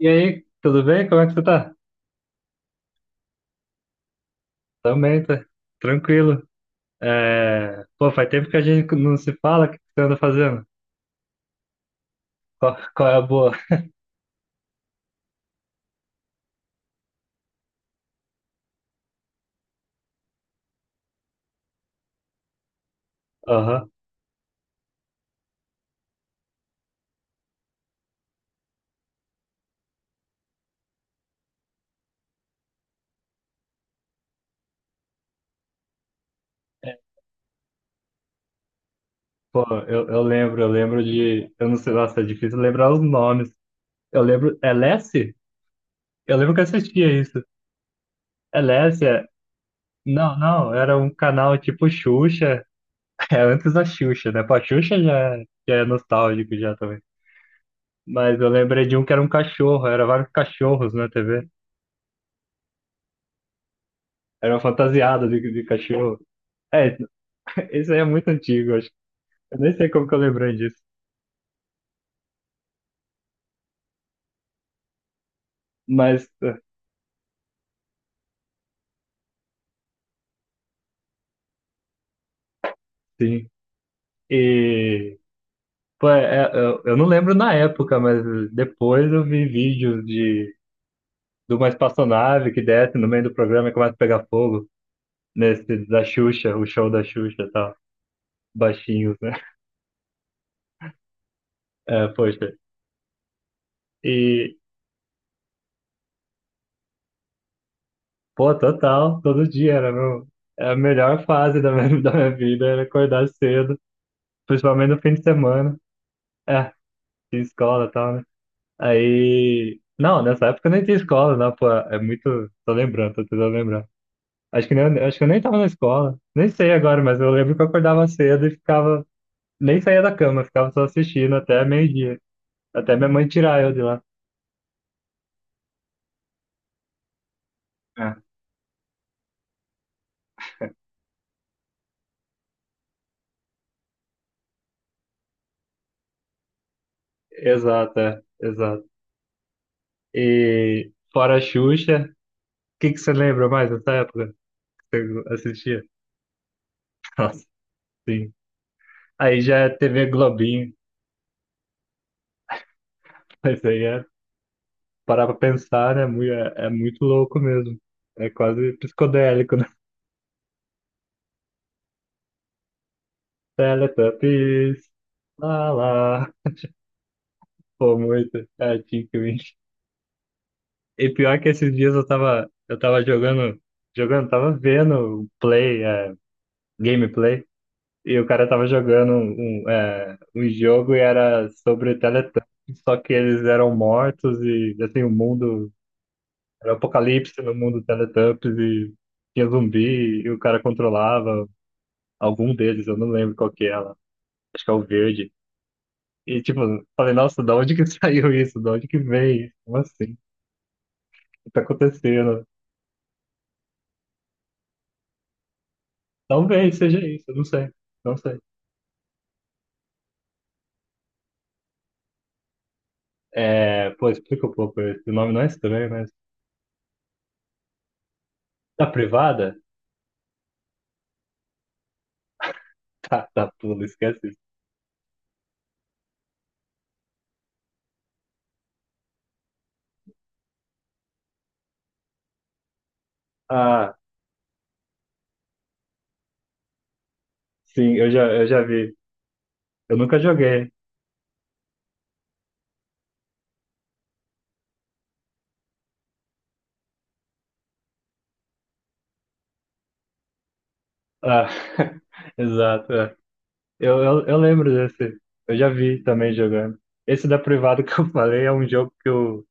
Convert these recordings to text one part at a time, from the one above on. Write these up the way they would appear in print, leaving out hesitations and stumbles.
E aí, tudo bem? Como é que você tá? Também, tá tranquilo. É. Pô, faz tempo que a gente não se fala, o que você anda fazendo? Qual é a boa? Aham. É, pô, eu lembro de. Eu não sei, nossa, é difícil lembrar os nomes. Eu lembro. É Lessie? Eu lembro que eu assistia isso. É Lessie? Não, não, era um canal tipo Xuxa. É antes da Xuxa, né? Pô, a Xuxa já, já é nostálgico já também. Mas eu lembrei de um que era um cachorro, era vários cachorros na TV. Era fantasiada de cachorro. É, isso aí é muito antigo, acho. Eu nem sei como que eu lembrei disso. Mas, sim. E, pô, eu não lembro na época, mas depois eu vi vídeos de uma espaçonave que desce no meio do programa e começa a pegar fogo. Nesse da Xuxa, o show da Xuxa e tal. Baixinhos, né? É, poxa. E, pô, total, todo dia era meu, era a melhor fase da minha, da minha vida, era acordar cedo, principalmente no fim de semana. É, tinha escola e tal, né? Aí. Não, nessa época eu nem tinha escola, não, pô. É muito. Tô tentando lembrar. Acho que eu nem tava na escola. Nem sei agora, mas eu lembro que eu acordava cedo e ficava. Nem saía da cama, ficava só assistindo até meio-dia. Até minha mãe tirar eu de lá. É. Exato, é, exato. E fora a Xuxa, o que que você lembra mais dessa época que você assistia? Nossa, sim. Aí já é TV Globinho, mas aí é parar pra pensar, né? É, é muito louco mesmo. É quase psicodélico, né? Teletubbies, lá, lá. Pô, muito. É, Tim Twitch. E pior que esses dias eu tava, eu tava jogando, tava vendo gameplay, e o cara tava jogando um jogo e era sobre Teletubbies, só que eles eram mortos e, assim, o mundo, era um apocalipse no mundo Teletubbies e tinha zumbi e o cara controlava algum deles, eu não lembro qual que é lá. Acho que é o verde. E tipo, falei, nossa, da onde que saiu isso? Da onde que veio isso? Como assim? O que tá acontecendo? Talvez seja isso, eu não sei. Não sei. É, pô, explica um pouco. Esse nome não é estranho, mas. Tá privada? Tá, tá, pula, esquece isso. Ah, sim, eu já vi. Eu nunca joguei. Ah, exato. É. Eu lembro desse. Eu já vi também jogando. Esse da privada que eu falei é um jogo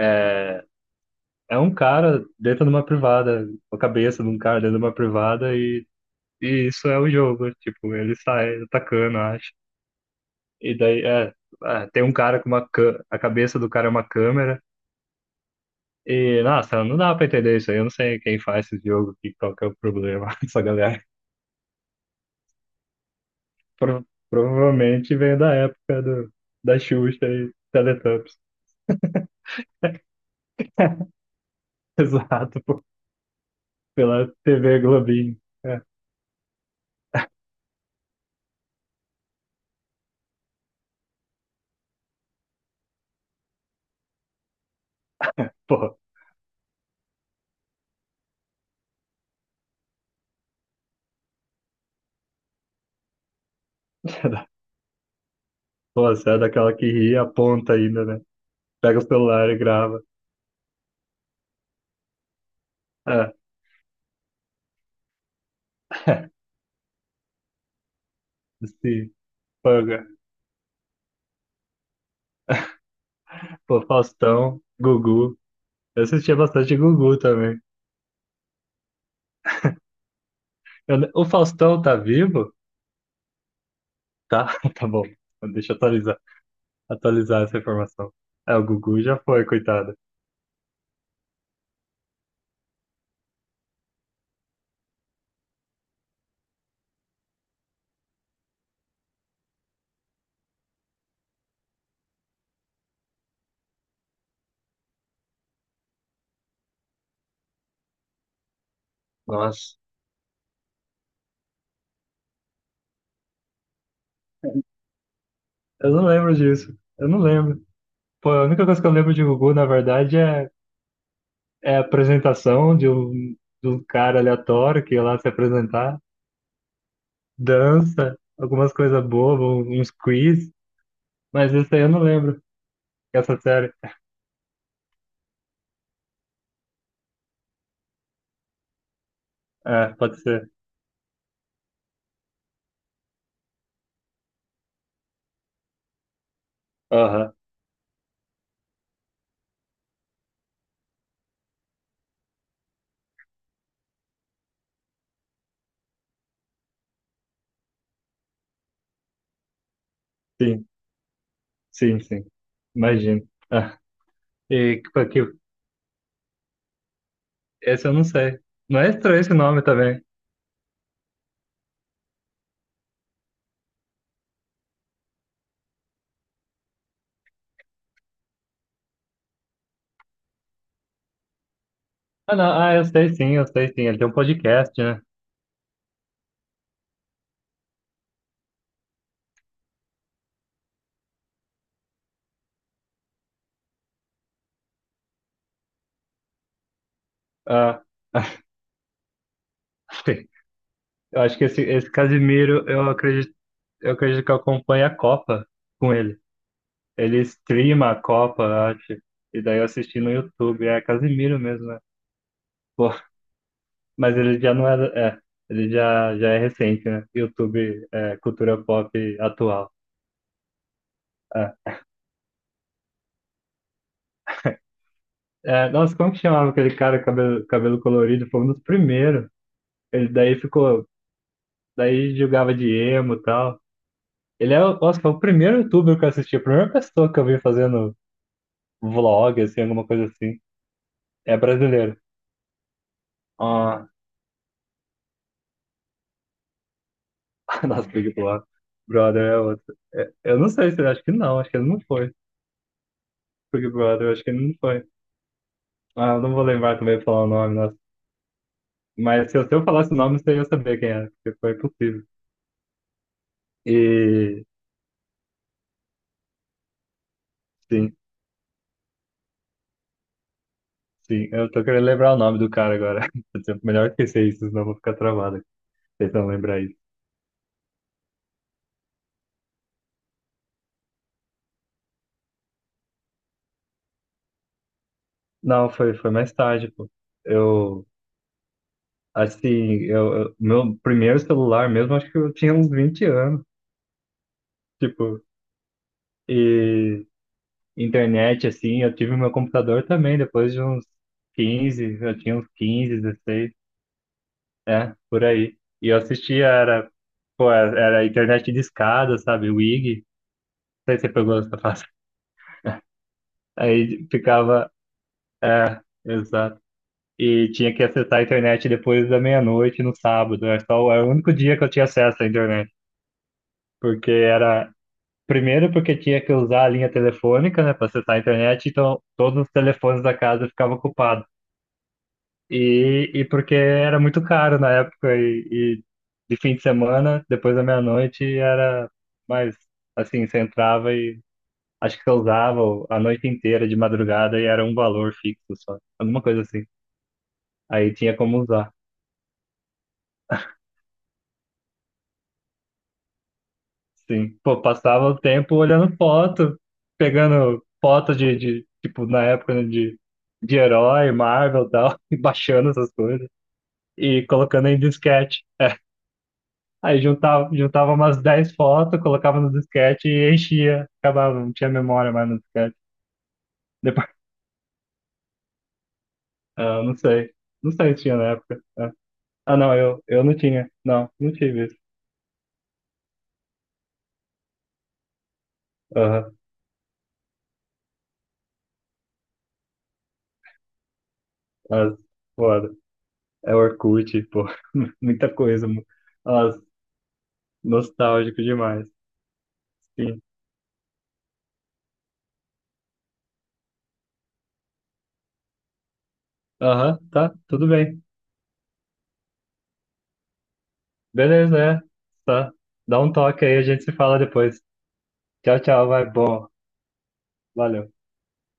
é, É um cara dentro de uma privada, a cabeça de um cara dentro de uma privada e isso é o jogo, tipo, ele sai atacando, acho. E daí, tem um cara com uma a cabeça do cara é uma câmera e, nossa, não dá pra entender isso aí, eu não sei quem faz esse jogo, que, qual que é o problema dessa galera. Provavelmente vem da época da Xuxa e Teletubbies. Exato, pô, pela TV Globinho. É, pô, pô, você é daquela que ri e aponta ainda, né? Pega o celular e grava. Ah, sim. Paga. Pô, Faustão, Gugu. Eu assistia bastante Gugu também. Eu o Faustão tá vivo? Tá, tá bom. Deixa eu atualizar essa informação. É, o Gugu já foi, coitado. Nossa, eu não lembro disso. Eu não lembro. Pô, a única coisa que eu lembro de Gugu, na verdade, é a apresentação de um cara aleatório que ia lá se apresentar, dança, algumas coisas bobas, uns quiz, mas isso aí eu não lembro. Essa série. Ah, pode ser. Aham. Sim, sim, sim. Imagino. Ah, e que, esse eu não sei. Não é estranho esse nome também. Ah, não. Ah, eu sei sim, eu sei sim. Ele tem um podcast, né? Ah, sim. Eu acho que esse Casimiro, eu acredito que eu acompanho a Copa com ele. Ele streama a Copa, eu acho. E daí eu assisti no YouTube. É Casimiro mesmo, né? Pô, mas ele já não era. É, ele já, já é recente, né? YouTube, cultura pop atual. É, é, nossa, como que chamava aquele cara cabelo, cabelo colorido? Foi um dos primeiros. Ele daí ficou, daí jogava de emo e tal. Nossa, foi o primeiro youtuber que eu assisti, a primeira pessoa que eu vi fazendo vlog, assim, alguma coisa assim. É brasileiro. Ah, nossa, Big Brother. Brother é outro. É, eu não sei se, acho que não, acho que ele não foi. Big Brother, acho que ele não foi. Ah, eu não vou lembrar também pra falar o nome, nossa. Mas se eu falasse o nome, você ia saber quem era, porque foi impossível. E, sim. Sim, eu tô querendo lembrar o nome do cara agora. Melhor esquecer isso, senão eu vou ficar travado. Tentando lembrar isso. Não, foi mais tarde, pô. Eu, assim, meu primeiro celular mesmo, acho que eu tinha uns 20 anos. Tipo, e internet, assim, eu tive meu computador também, depois de uns 15 eu tinha uns 15, 16 por aí. E eu assistia, era, pô, era internet de escada, sabe? WIG. Não sei se você pegou essa fase. Aí ficava, é, exato. E tinha que acessar a internet depois da meia-noite no sábado. Era o único dia que eu tinha acesso à internet. Porque era. Primeiro, porque tinha que usar a linha telefônica, né, para acessar a internet, então todos os telefones da casa ficavam ocupados. E porque era muito caro na época, e de fim de semana, depois da meia-noite, era mais assim: você entrava e acho que você usava a noite inteira de madrugada e era um valor fixo só, alguma coisa assim. Aí tinha como usar. Sim, pô, passava o tempo olhando foto, pegando foto de tipo, na época, né, de herói, Marvel e tal, e baixando essas coisas, e colocando em disquete. Aí juntava umas 10 fotos, colocava no disquete e enchia. Acabava, não tinha memória mais no disquete. Depois, ah, não sei. Não sei se tinha na época. É. Ah, não, eu não tinha. Não, tive isso. Aham, as, foda. É Orkut, pô, muita coisa. Nossa, nostálgico demais. Sim. Aham, tá, tudo bem. Beleza, é. Tá. Dá um toque aí, a gente se fala depois. Tchau, tchau, vai, bom. Valeu.